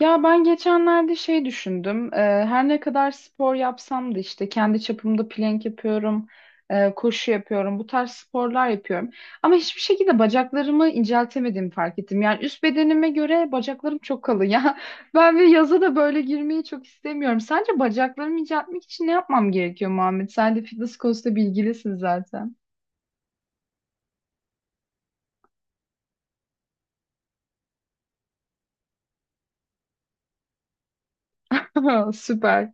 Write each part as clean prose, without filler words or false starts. Ya ben geçenlerde şey düşündüm. Her ne kadar spor yapsam da işte kendi çapımda plank yapıyorum, koşu yapıyorum, bu tarz sporlar yapıyorum. Ama hiçbir şekilde bacaklarımı inceltemediğimi fark ettim. Yani üst bedenime göre bacaklarım çok kalın ya. Ben bir yaza da böyle girmeyi çok istemiyorum. Sence bacaklarımı inceltmek için ne yapmam gerekiyor Muhammed? Sen de fitness konusunda bilgilisin zaten. Süper.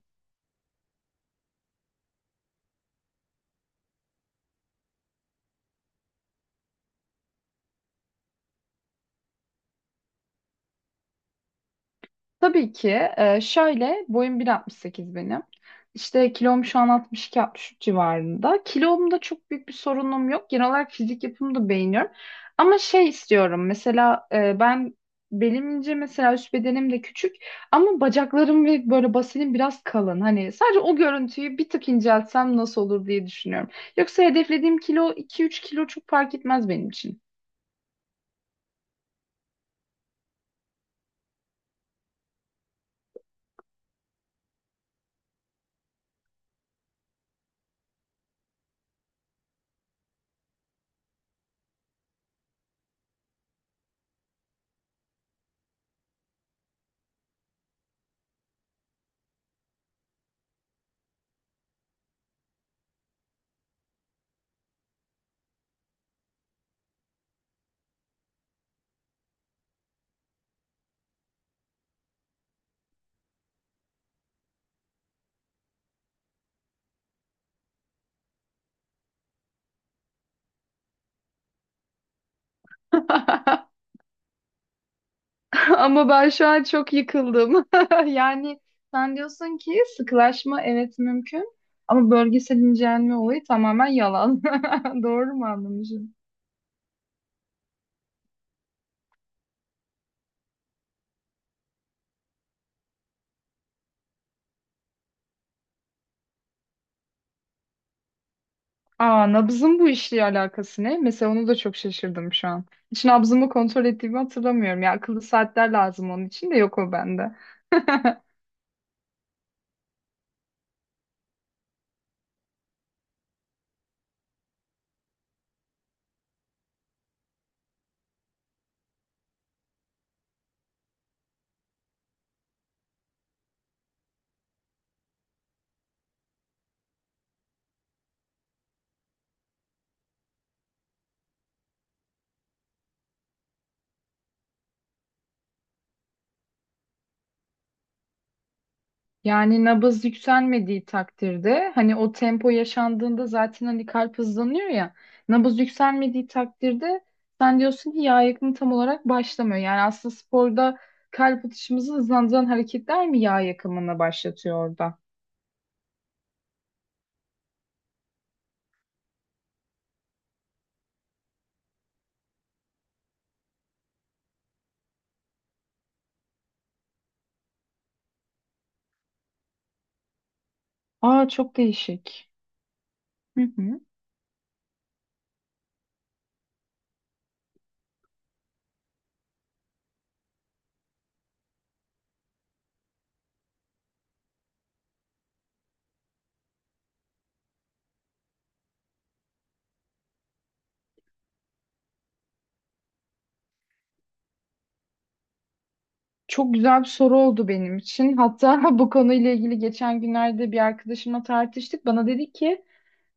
Tabii ki. Şöyle boyum 1,68 benim. İşte kilom şu an 62-63 civarında. Kilomda çok büyük bir sorunum yok. Genel olarak fizik yapımı da beğeniyorum. Ama şey istiyorum mesela ben belim ince mesela üst bedenim de küçük ama bacaklarım ve böyle basenim biraz kalın. Hani sadece o görüntüyü bir tık inceltsem nasıl olur diye düşünüyorum. Yoksa hedeflediğim kilo 2-3 kilo çok fark etmez benim için. Ama ben şu an çok yıkıldım. Yani sen diyorsun ki sıkılaşma evet mümkün ama bölgesel incelme olayı tamamen yalan. Doğru mu anlamışım? Aa, nabzın bu işle alakası ne? Mesela onu da çok şaşırdım şu an. Hiç nabzımı kontrol ettiğimi hatırlamıyorum. Ya akıllı saatler lazım onun için de yok o bende. Yani nabız yükselmediği takdirde hani o tempo yaşandığında zaten hani kalp hızlanıyor ya, nabız yükselmediği takdirde sen diyorsun ki yağ yakımı tam olarak başlamıyor. Yani aslında sporda kalp atışımızı hızlandıran hareketler mi yağ yakımını başlatıyor orada? Aa, çok değişik. Hı hı. Çok güzel bir soru oldu benim için. Hatta bu konuyla ilgili geçen günlerde bir arkadaşımla tartıştık. Bana dedi ki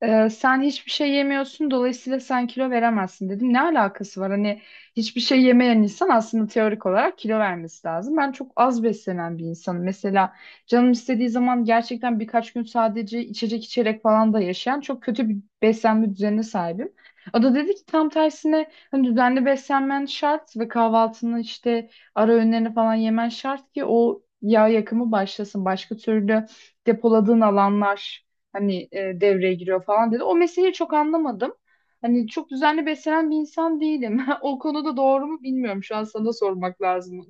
Ee, sen hiçbir şey yemiyorsun dolayısıyla sen kilo veremezsin dedim. Ne alakası var? Hani hiçbir şey yemeyen insan aslında teorik olarak kilo vermesi lazım. Ben çok az beslenen bir insanım. Mesela canım istediği zaman gerçekten birkaç gün sadece içecek içerek falan da yaşayan çok kötü bir beslenme düzenine sahibim. O da dedi ki tam tersine hani düzenli beslenmen şart ve kahvaltını işte ara öğünlerini falan yemen şart ki o yağ yakımı başlasın. Başka türlü depoladığın alanlar hani devreye giriyor falan dedi. O meseleyi çok anlamadım. Hani çok düzenli beslenen bir insan değilim. O konuda doğru mu bilmiyorum. Şu an sana sormak lazım.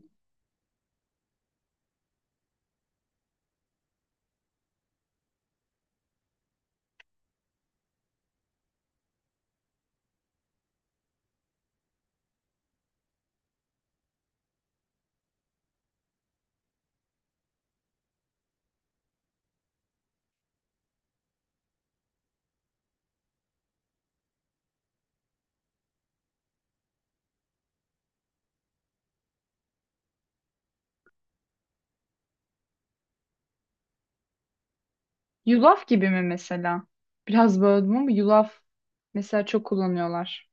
Yulaf gibi mi mesela? Biraz böldüm ama yulaf mesela çok kullanıyorlar.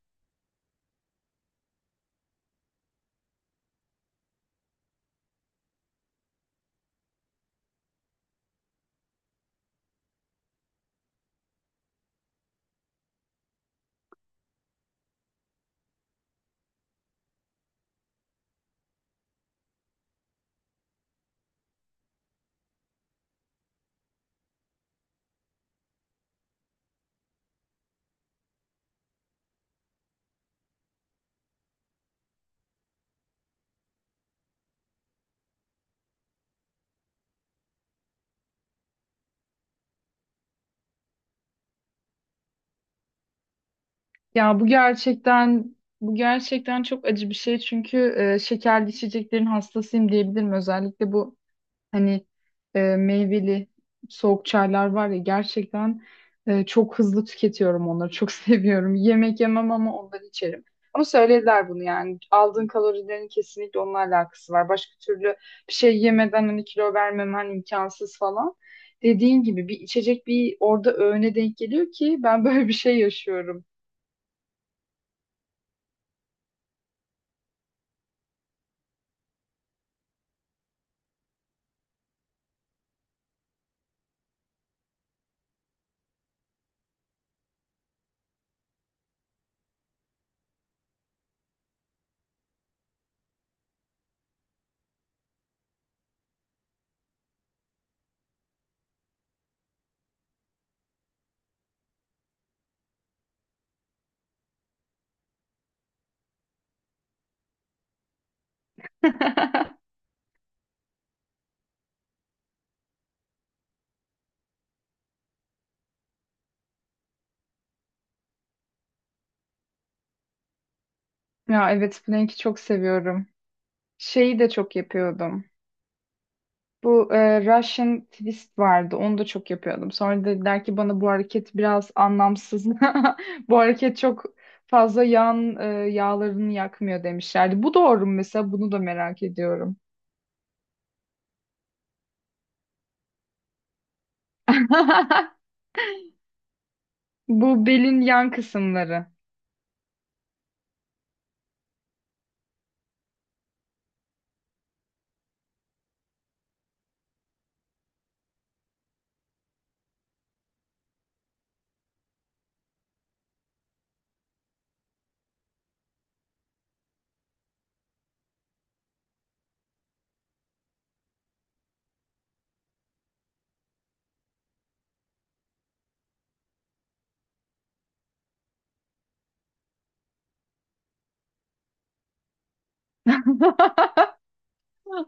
Ya bu gerçekten çok acı bir şey çünkü şekerli içeceklerin hastasıyım diyebilirim. Özellikle bu hani meyveli soğuk çaylar var ya, gerçekten çok hızlı tüketiyorum onları. Çok seviyorum. Yemek yemem ama onları içerim. Ama söylediler bunu yani. Aldığın kalorilerin kesinlikle onunla alakası var. Başka türlü bir şey yemeden hani kilo vermemen imkansız falan. Dediğin gibi bir içecek bir orada öğüne denk geliyor ki ben böyle bir şey yaşıyorum. Ya evet, Plank'i çok seviyorum. Şeyi de çok yapıyordum. Bu Russian twist vardı. Onu da çok yapıyordum. Sonra dediler ki bana bu hareket biraz anlamsız. Bu hareket çok fazla yan yağlarını yakmıyor demişlerdi. Bu doğru mu mesela? Bunu da merak ediyorum. Bu belin yan kısımları.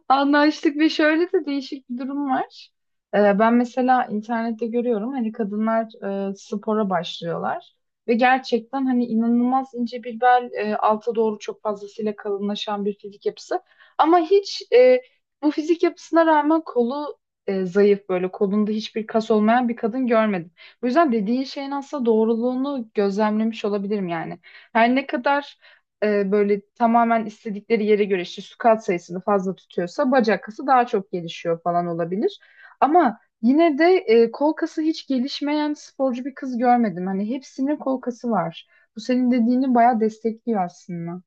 Anlaştık ve şöyle de değişik bir durum var. Ben mesela internette görüyorum hani kadınlar spora başlıyorlar ve gerçekten hani inanılmaz ince bir bel, alta doğru çok fazlasıyla kalınlaşan bir fizik yapısı. Ama hiç bu fizik yapısına rağmen kolu zayıf, böyle kolunda hiçbir kas olmayan bir kadın görmedim. Bu yüzden dediğin şeyin aslında doğruluğunu gözlemlemiş olabilirim yani. Her ne kadar böyle tamamen istedikleri yere göre işte su sayısını fazla tutuyorsa bacak kası daha çok gelişiyor falan olabilir. Ama yine de kol kası hiç gelişmeyen sporcu bir kız görmedim. Hani hepsinin kol kası var. Bu senin dediğini bayağı destekliyor aslında.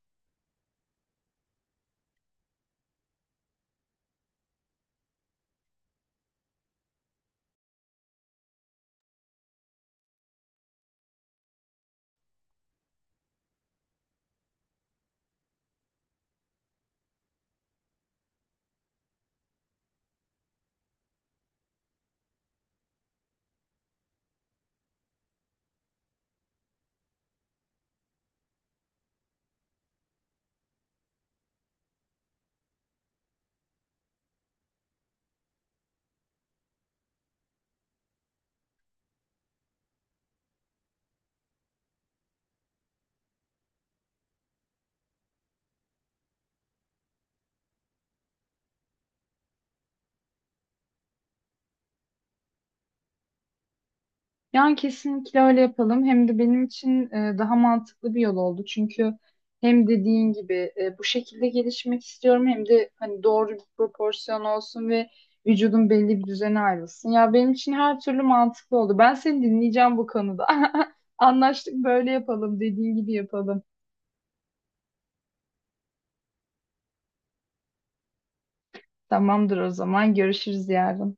Yani kesinlikle öyle yapalım. Hem de benim için daha mantıklı bir yol oldu. Çünkü hem dediğin gibi bu şekilde gelişmek istiyorum hem de hani doğru bir proporsiyon olsun ve vücudun belli bir düzene ayrılsın. Ya benim için her türlü mantıklı oldu. Ben seni dinleyeceğim bu konuda. Anlaştık, böyle yapalım. Dediğin gibi yapalım. Tamamdır o zaman. Görüşürüz yarın.